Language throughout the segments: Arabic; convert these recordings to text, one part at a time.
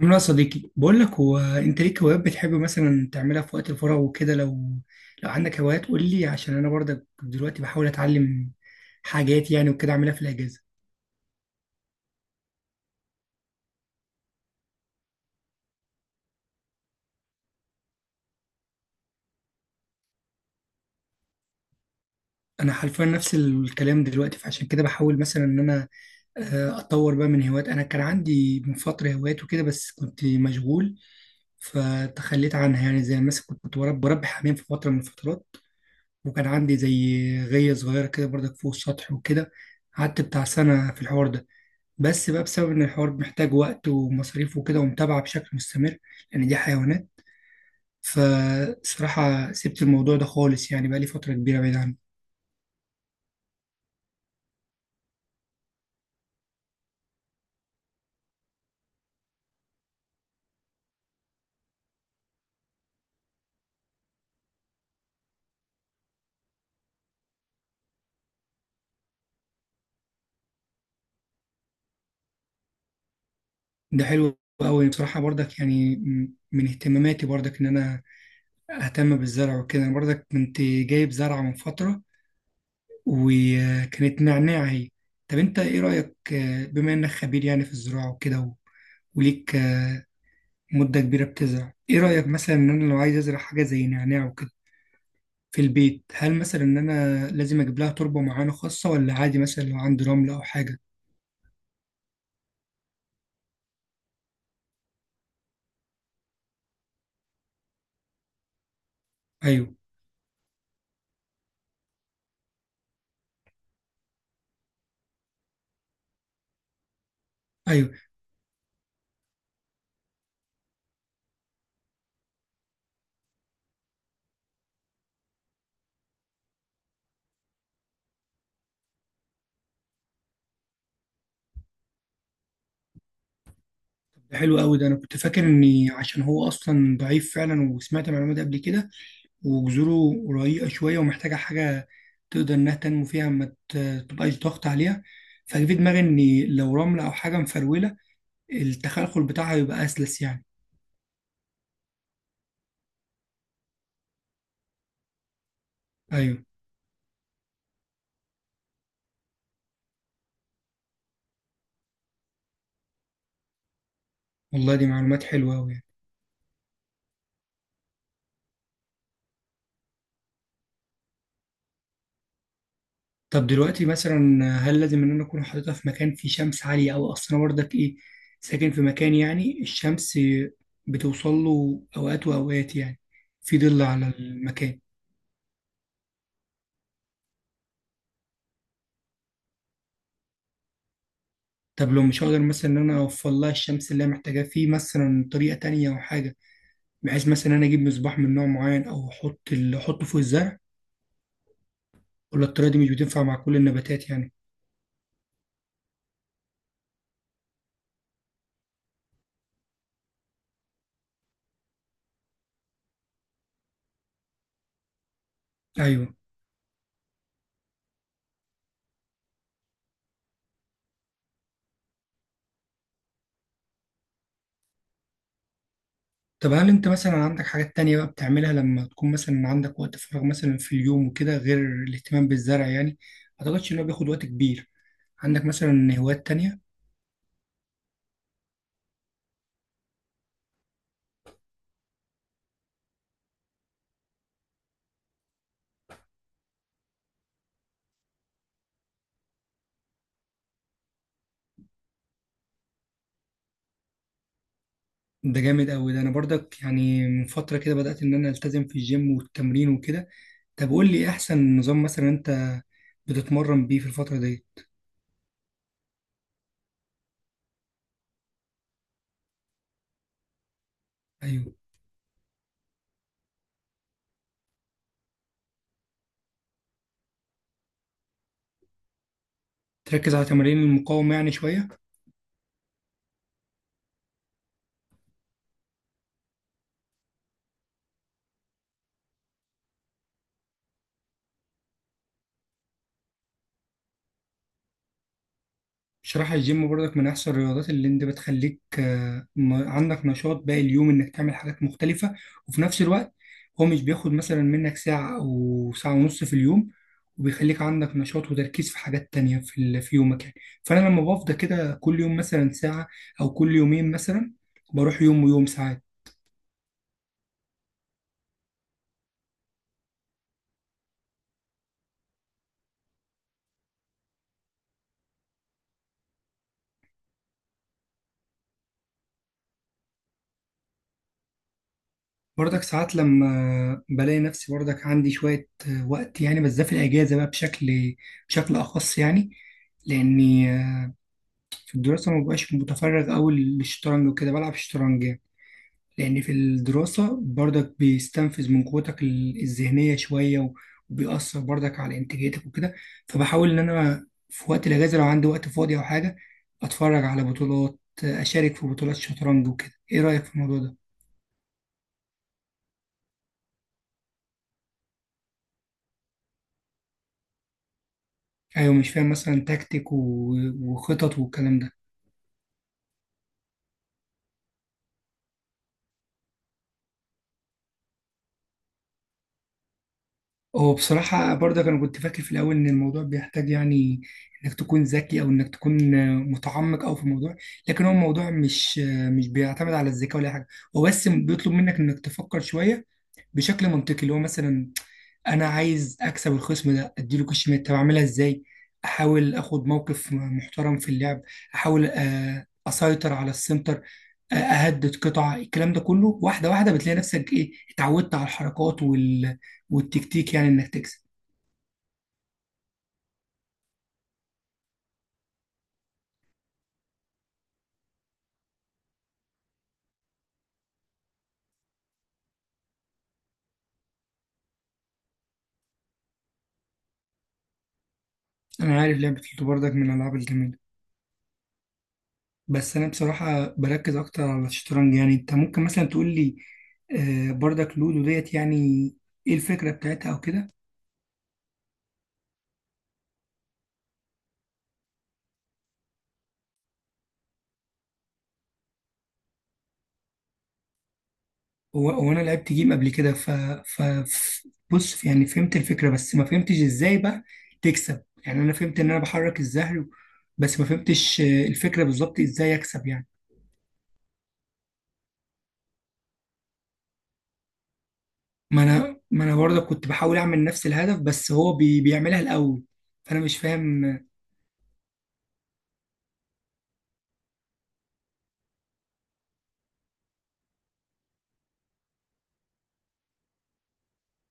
عامل ايه يا صديقي؟ بقول لك، هو انت ليك هوايات بتحب مثلا تعملها في وقت الفراغ وكده؟ لو عندك هوايات قول لي، عشان انا برضك دلوقتي بحاول اتعلم حاجات يعني وكده اعملها في الاجازه. انا حرفيا نفس الكلام دلوقتي، فعشان كده بحاول مثلا ان انا اتطور بقى من هوايات. انا كان عندي من فتره هوايات وكده بس كنت مشغول فتخليت عنها، يعني زي مثلا كنت بربي حمام في فتره من الفترات، وكان عندي زي غيه صغيره كده برضك فوق السطح وكده، قعدت بتاع سنه في الحوار ده، بس بقى بسبب ان الحوار محتاج وقت ومصاريف وكده ومتابعة بشكل مستمر، لان دي حيوانات، فصراحة سبت الموضوع ده خالص، يعني بقى لي فترة كبيرة بعيد عنه. ده حلو قوي بصراحة، برضك يعني من اهتماماتي برضك ان انا اهتم بالزرع وكده. أنا برضك كنت جايب زرعة من فترة وكانت نعناع هي. طب انت ايه رأيك، بما انك خبير يعني في الزراعة وكده، وليك مدة كبيرة بتزرع، ايه رأيك مثلا ان انا لو عايز ازرع حاجة زي نعناع وكده في البيت، هل مثلا ان انا لازم اجيب لها تربه معينه خاصه، ولا عادي مثلا لو عندي رمل او حاجه؟ ايوه، ايوه. طب ده حلو قوي، ده انا كنت فاكر اني عشان هو اصلا ضعيف فعلا، وسمعت المعلومه دي قبل كده، وجذوره رقيقه شويه ومحتاجه حاجه تقدر انها تنمو فيها، ما تبقاش ضغط عليها. فجه في دماغي اني لو رمله او حاجه مفروله، التخلخل بتاعها يبقى اسلس يعني. ايوه. والله دي معلومات حلوه قوي. طب دلوقتي مثلا، هل لازم ان انا اكون حاططها في مكان فيه شمس عاليه، او اصلا برضك ايه، ساكن في مكان يعني الشمس بتوصل له اوقات واوقات يعني، في ظل على المكان؟ طب لو مش هقدر مثلا ان انا اوفر لها الشمس اللي هي محتاجاه، في مثلا طريقه تانية او حاجه، بحيث مثلا إن انا اجيب مصباح من نوع معين او احط احطه فوق الزرع؟ ولا الطريقه دي مش بتنفع مع كل النباتات يعني؟ ايوه. طب هل انت مثلا عندك حاجات تانية بقى بتعملها لما تكون مثلا عندك وقت فراغ مثلا في اليوم وكده، غير الاهتمام بالزرع يعني؟ ما اعتقدش ان هو بياخد وقت كبير. عندك مثلا هوايات تانية؟ ده جامد قوي، ده انا برضك يعني من فترة كده بدأت ان انا التزم في الجيم والتمرين وكده. طب قول لي، إيه احسن نظام مثلا انت بتتمرن بيه في الفترة دي؟ ايوه. تركز على تمارين المقاومة يعني شوية. بصراحة الجيم برضك من أحسن الرياضات، اللي أنت بتخليك عندك نشاط باقي اليوم إنك تعمل حاجات مختلفة، وفي نفس الوقت هو مش بياخد مثلا منك ساعة أو ساعة ونص في اليوم، وبيخليك عندك نشاط وتركيز في حاجات تانية في في يومك يعني. فأنا لما بفضى كده كل يوم مثلا ساعة، أو كل يومين مثلا، بروح يوم ويوم ساعات. برضك ساعات لما بلاقي نفسي برضك عندي شوية وقت يعني، بس ده في الأجازة بقى بشكل أخص يعني، لأني في الدراسة ما بقاش متفرغ أوي للشطرنج وكده، بلعب شطرنج يعني، لأن في الدراسة برضك بيستنفذ من قوتك الذهنية شوية، وبيأثر برضك على إنتاجيتك وكده. فبحاول إن أنا في وقت الأجازة، لو عندي وقت فاضي أو حاجة، أتفرج على بطولات، أشارك في بطولات شطرنج وكده. إيه رأيك في الموضوع ده؟ أيوة. مش فاهم مثلا تكتيك وخطط والكلام ده. هو بصراحة برضك أنا كنت فاكر في الأول إن الموضوع بيحتاج يعني إنك تكون ذكي، أو إنك تكون متعمق أو في الموضوع. لكن هو الموضوع مش بيعتمد على الذكاء ولا أي حاجة، هو بس بيطلب منك إنك تفكر شوية بشكل منطقي، اللي هو مثلا انا عايز اكسب الخصم ده، اديله كش ميت، طب اعملها ازاي؟ احاول اخد موقف محترم في اللعب، احاول اسيطر على السنتر، اهدد قطع، الكلام ده كله، واحده واحده بتلاقي نفسك ايه، اتعودت على الحركات والتكتيك، يعني انك تكسب. انا عارف لعبه لوتو بردك، من الالعاب الجميله، بس انا بصراحه بركز اكتر على الشطرنج يعني. انت ممكن مثلا تقول لي، بردك لودو ديت يعني ايه الفكره بتاعتها او كده؟ هو انا لعبت جيم قبل كده، بص يعني فهمت الفكره، بس ما فهمتش ازاي بقى تكسب يعني. انا فهمت ان انا بحرك الزهر، بس ما فهمتش الفكره بالظبط ازاي اكسب يعني. ما انا برضه كنت بحاول اعمل نفس الهدف، بس هو بيعملها الاول، فانا مش فاهم.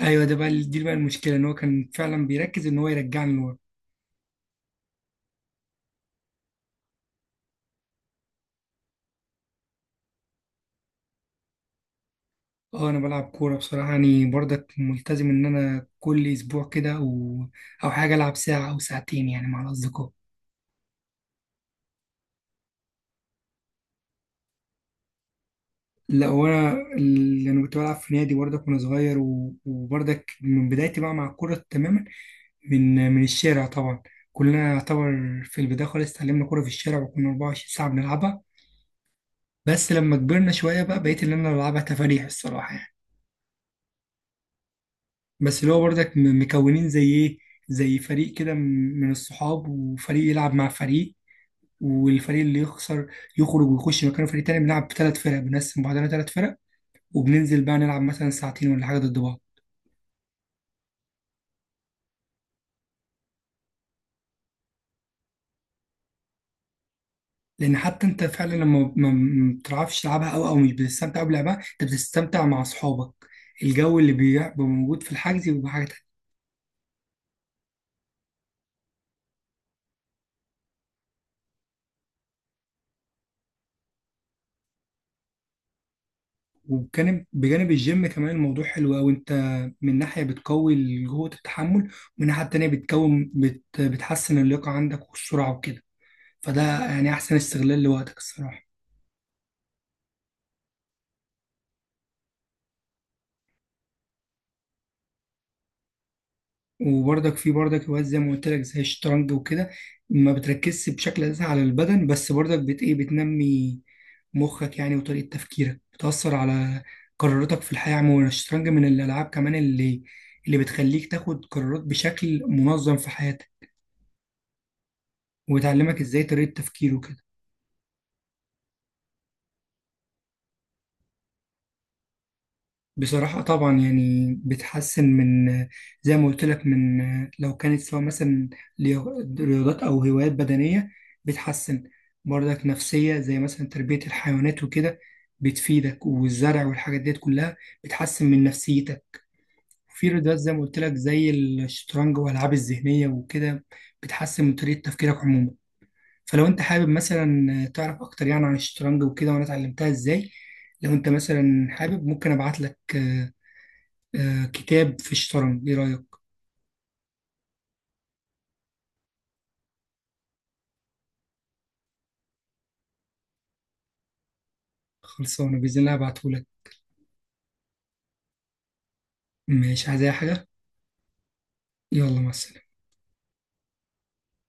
ايوه. ده بقى دي بقى المشكله، ان هو كان فعلا بيركز ان هو يرجعني لورا. اه، انا بلعب كوره بصراحه، يعني برضك ملتزم ان انا كل اسبوع كده او حاجه العب ساعه او ساعتين يعني مع الاصدقاء. لا، وانا اللي انا كنت بلعب في نادي برضك وانا صغير، وبرضك من بدايتي بقى مع الكوره تماما، من الشارع طبعا، كلنا يعتبر في البدايه خالص اتعلمنا كوره في الشارع، وكنا 24 ساعه بنلعبها، بس لما كبرنا شويه بقى بقيت اللي انا بلعبها تفاريح الصراحه يعني، بس اللي هو برضك مكونين زي ايه، زي فريق كده من الصحاب، وفريق يلعب مع فريق، والفريق اللي يخسر يخرج ويخش مكانه فريق تاني، بنلعب بثلاث فرق، بنقسم بعضنا ثلاث فرق وبننزل بقى نلعب مثلا ساعتين ولا حاجه ضد بعض. لان حتى انت فعلا لما ما بتعرفش تلعبها، او مش بتستمتع بلعبها، انت بتستمتع مع اصحابك، الجو اللي بيبقى موجود في الحجز بيبقى حاجه تانية. وبجانب الجيم كمان، الموضوع حلو قوي، انت من ناحيه بتقوي قوه التحمل، ومن ناحيه تانية بتكون بتحسن اللياقه عندك والسرعه وكده، فده يعني احسن استغلال لوقتك الصراحه. وبرضك في برضك هوايات زي ما قلت لك زي الشطرنج وكده، ما بتركزش بشكل اساسي على البدن، بس برضك بت ايه بتنمي مخك يعني، وطريقة تفكيرك بتأثر على قراراتك في الحياة عموما. الشطرنج من الألعاب كمان اللي بتخليك تاخد قرارات بشكل منظم في حياتك، وتعلمك ازاي طريقة تفكير وكده. بصراحة طبعا يعني بتحسن من، زي ما قلت لك، من لو كانت سواء مثلا رياضات أو هوايات بدنية، بتحسن برضك نفسية زي مثلا تربية الحيوانات وكده بتفيدك، والزرع والحاجات ديت كلها بتحسن من نفسيتك. في رياضات زي ما قلت لك زي الشطرنج والألعاب الذهنية وكده بتحسن من طريقة تفكيرك عموما. فلو أنت حابب مثلا تعرف أكتر يعني عن الشطرنج وكده وأنا اتعلمتها إزاي، لو أنت مثلا حابب ممكن أبعت لك كتاب في الشطرنج. ايه رأيك؟ خلصانة بإذن الله، هبعتهولك. مش عايز أي حاجة. يلا، مع السلامة.